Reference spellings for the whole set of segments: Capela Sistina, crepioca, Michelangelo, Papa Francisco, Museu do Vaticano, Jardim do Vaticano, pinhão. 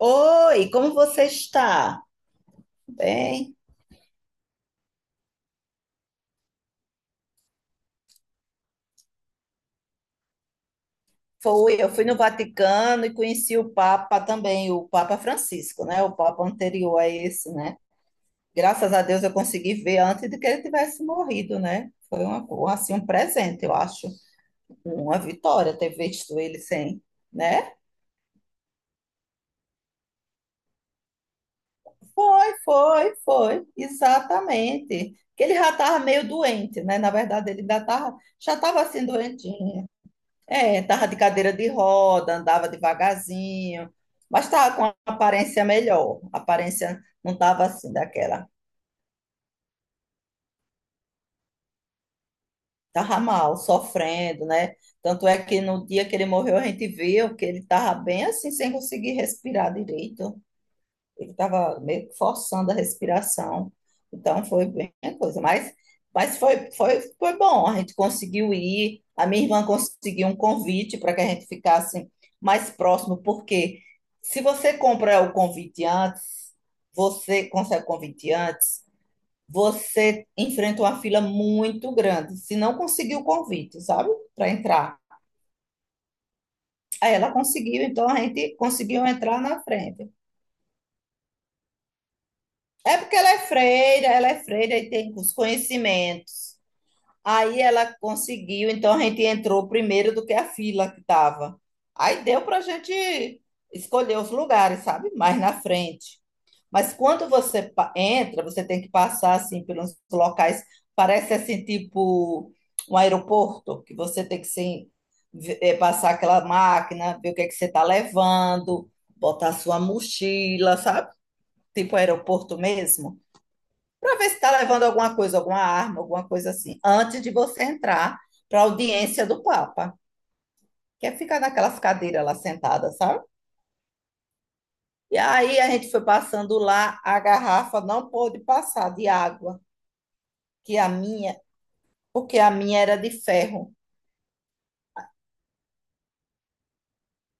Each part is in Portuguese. Oi, como você está? Bem, foi, eu fui no Vaticano e conheci o Papa também, o Papa Francisco, né? O Papa anterior a esse, né? Graças a Deus eu consegui ver antes de que ele tivesse morrido, né? Foi assim, um presente, eu acho, uma vitória ter visto ele sem, né? Foi, exatamente. Que ele já estava meio doente, né? Na verdade, ele ainda tava, já estava assim doentinho. É, tava de cadeira de roda, andava devagarzinho, mas tava com uma aparência melhor. A aparência não tava assim daquela. Tava mal, sofrendo, né? Tanto é que no dia que ele morreu, a gente viu que ele tava bem assim, sem conseguir respirar direito. Ele estava meio que forçando a respiração. Então foi bem a coisa. Mas foi bom. A gente conseguiu ir. A minha irmã conseguiu um convite para que a gente ficasse mais próximo, porque se você compra o convite antes, você consegue o convite antes, você enfrenta uma fila muito grande. Se não conseguiu o convite, sabe? Para entrar. Aí ela conseguiu, então a gente conseguiu entrar na frente. É porque ela é freira e tem os conhecimentos. Aí ela conseguiu, então a gente entrou primeiro do que a fila que estava. Aí deu para a gente escolher os lugares, sabe? Mais na frente. Mas quando você entra, você tem que passar assim pelos locais, parece assim tipo um aeroporto, que você tem que assim, passar aquela máquina, ver o que é que você está levando, botar sua mochila, sabe? Tipo aeroporto mesmo para ver se está levando alguma coisa, alguma arma, alguma coisa assim, antes de você entrar para a audiência do Papa, que é ficar naquelas cadeiras lá sentadas, sabe? E aí a gente foi passando lá, a garrafa não pôde passar de água, que a minha, porque a minha era de ferro.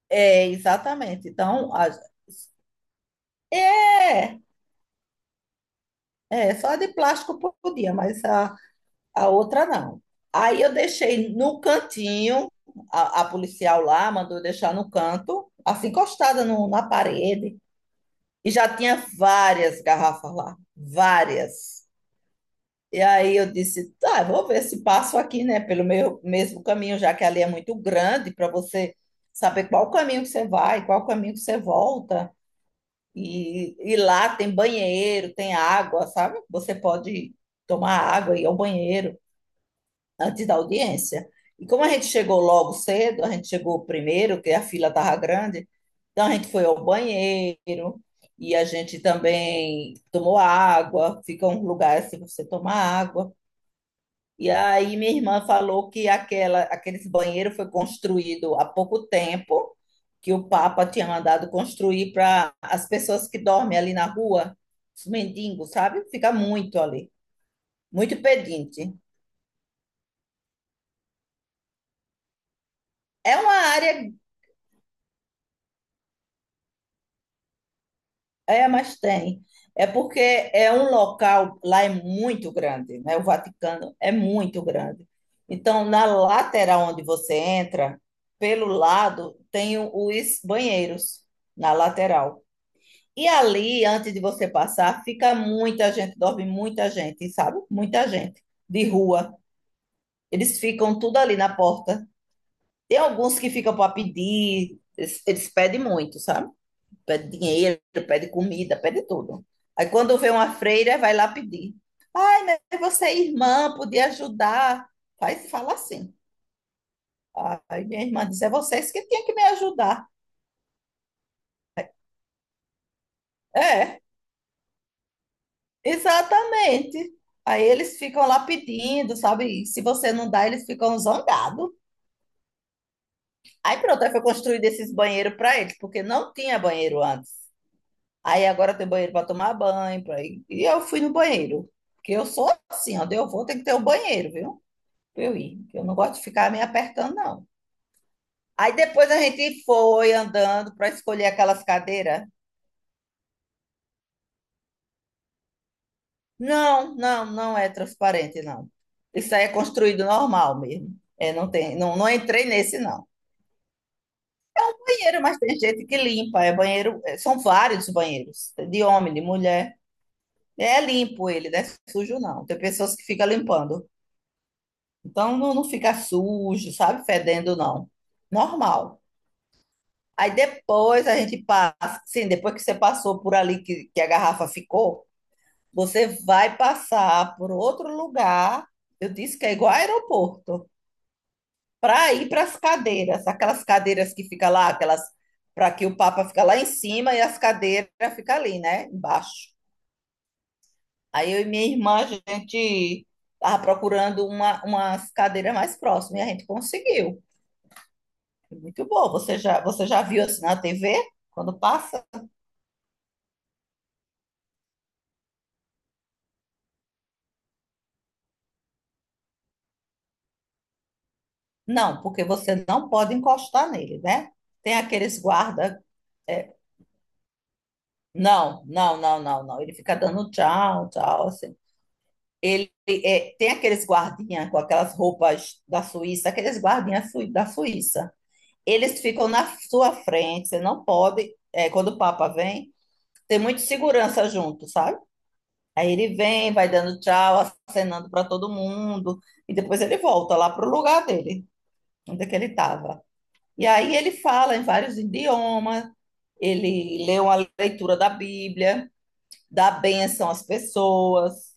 É, exatamente. Então, é, é, só a de plástico podia, mas a outra não. Aí eu deixei no cantinho, a policial lá mandou eu deixar no canto, assim encostada na parede, e já tinha várias garrafas lá, várias. E aí eu disse, tá, eu vou ver se passo aqui, né, pelo meu, mesmo caminho, já que ali é muito grande para você saber qual caminho que você vai, qual caminho que você volta. E lá tem banheiro, tem água, sabe? Você pode tomar água e ir ao banheiro antes da audiência. E como a gente chegou logo cedo, a gente chegou primeiro, que a fila estava grande, então a gente foi ao banheiro e a gente também tomou água, fica um lugar assim para você tomar água. E aí minha irmã falou que aquele banheiro foi construído há pouco tempo, que o Papa tinha mandado construir para as pessoas que dormem ali na rua, os mendigos, sabe? Fica muito ali, muito pedinte. É uma área. É, mas tem. É porque é um local, lá é muito grande, né? O Vaticano é muito grande. Então, na lateral onde você entra, pelo lado, tem os banheiros, na lateral. E ali, antes de você passar, fica muita gente, dorme muita gente, sabe? Muita gente de rua. Eles ficam tudo ali na porta. Tem alguns que ficam para pedir, eles pedem muito, sabe? Pede dinheiro, pede comida, pede tudo. Aí quando vê uma freira, vai lá pedir. Ai, mas você é irmã, podia ajudar. Faz, fala assim. Aí minha irmã diz, é vocês que tinham que me ajudar. É, exatamente. Aí eles ficam lá pedindo, sabe? E se você não dá, eles ficam zangados. Aí pronto, aí foi construído esses banheiros para eles, porque não tinha banheiro antes. Aí agora tem banheiro para tomar banho, pra... e eu fui no banheiro. Porque eu sou assim, onde eu vou tem que ter um banheiro, viu? Pra eu ir. Eu não gosto de ficar me apertando, não. Aí depois a gente foi andando para escolher aquelas cadeiras. Não, não, não é transparente, não. Isso aí é construído normal mesmo. É, não tem, não, não entrei nesse, não. Banheiro, mas tem gente que limpa. É banheiro, é, são vários banheiros, de homem, de mulher. É limpo ele, não é sujo, não. Tem pessoas que ficam limpando. Então não, não fica sujo, sabe? Fedendo, não. Normal. Aí depois a gente passa, sim, depois que você passou por ali que a garrafa ficou, você vai passar por outro lugar. Eu disse que é igual aeroporto, para ir para as cadeiras, aquelas cadeiras que fica lá, aquelas para que o Papa fica lá em cima e as cadeiras fica ali, né, embaixo. Aí eu e minha irmã, a gente estava procurando umas cadeiras mais próximas e a gente conseguiu. Muito bom. Você já viu assim na TV quando passa? Não, porque você não pode encostar nele, né? Tem aqueles guarda. É, não. Ele fica dando tchau, tchau, assim. Ele é, tem aqueles guardinha com aquelas roupas da Suíça, aqueles guardinhas da Suíça. Eles ficam na sua frente. Você não pode. É, quando o Papa vem, tem muita segurança junto, sabe? Aí ele vem, vai dando tchau, acenando para todo mundo, e depois ele volta lá pro lugar dele, onde é que ele estava. E aí ele fala em vários idiomas, ele lê uma leitura da Bíblia, dá bênção às pessoas,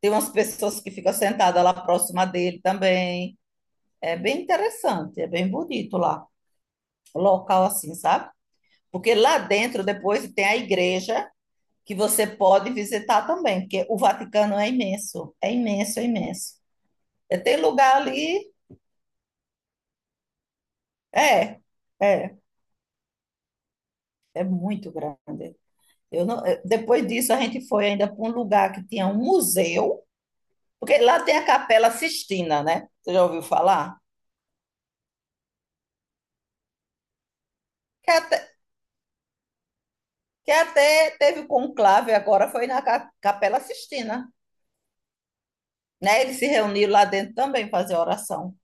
tem umas pessoas que ficam sentadas lá próxima dele também. É bem interessante, é bem bonito lá, local assim, sabe? Porque lá dentro depois tem a igreja que você pode visitar também, porque o Vaticano é imenso, é imenso, é imenso. É, tem lugar ali, é, é, é muito grande. Eu não- eh, depois disso, a gente foi ainda para um lugar que tinha um museu, porque lá tem a Capela Sistina, né? Você já ouviu falar? Que até, que até teve conclave agora, foi na Capela Sistina, né? Eles se reuniram lá dentro também fazer oração.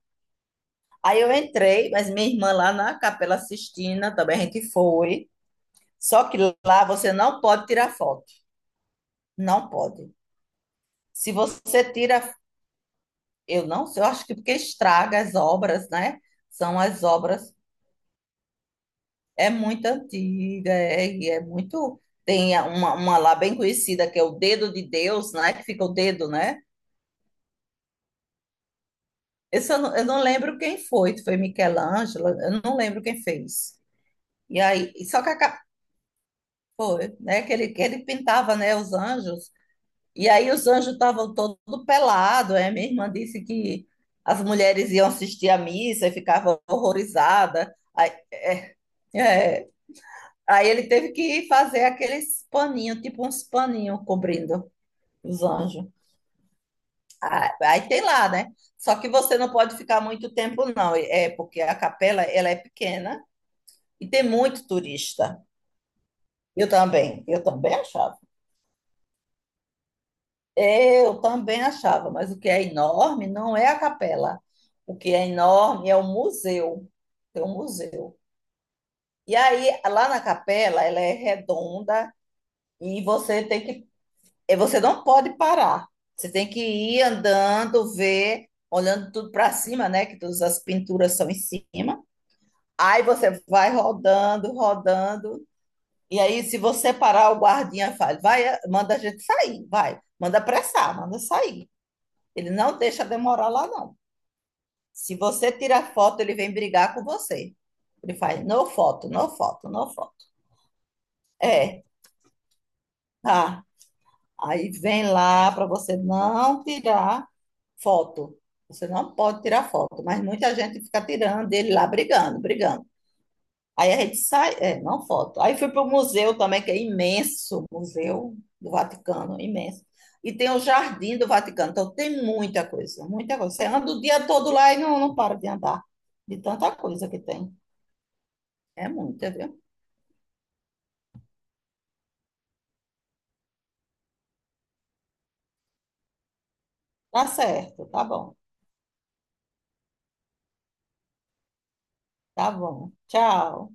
Aí eu entrei, mas minha irmã lá na Capela Sistina também a gente foi. Só que lá você não pode tirar foto. Não pode. Se você tira, eu não sei, eu acho que porque estraga as obras, né? São as obras. É muito antiga, é, e é muito. Uma lá bem conhecida, que é o Dedo de Deus, né? Que fica o dedo, né? Esse eu não lembro quem foi, se foi Michelangelo, eu não lembro quem fez. E aí, e só que foi, né? Que ele pintava, né? Os anjos. E aí os anjos estavam todos pelados, é? Minha irmã disse que as mulheres iam assistir à missa e ficavam horrorizadas. Aí, é, aí ele teve que fazer aqueles paninhos, tipo uns paninhos cobrindo. Os anjos. Ah, aí tem lá, né? Só que você não pode ficar muito tempo, não. É porque a capela, ela é pequena e tem muito turista. Eu também achava. Eu também achava, mas o que é enorme não é a capela. O que é enorme é o museu. Tem um museu. E aí, lá na capela, ela é redonda e você tem que é, você não pode parar. Você tem que ir andando, ver, olhando tudo para cima, né? Que todas as pinturas são em cima. Aí você vai rodando, rodando. E aí, se você parar, o guardinha fala, vai, manda a gente sair, vai. Manda apressar, manda sair. Ele não deixa demorar lá, não. Se você tirar foto, ele vem brigar com você. Ele faz, no foto, no foto, no foto. É, tá. Aí vem lá para você não tirar foto. Você não pode tirar foto, mas muita gente fica tirando ele lá brigando, brigando. Aí a gente sai, é, não foto. Aí fui para o museu também, que é imenso, o Museu do Vaticano, imenso. E tem o Jardim do Vaticano, então tem muita coisa, muita coisa. Você anda o dia todo lá e não, não para de andar, de tanta coisa que tem. É muita, viu? Tá certo, tá bom, tá bom. Tchau.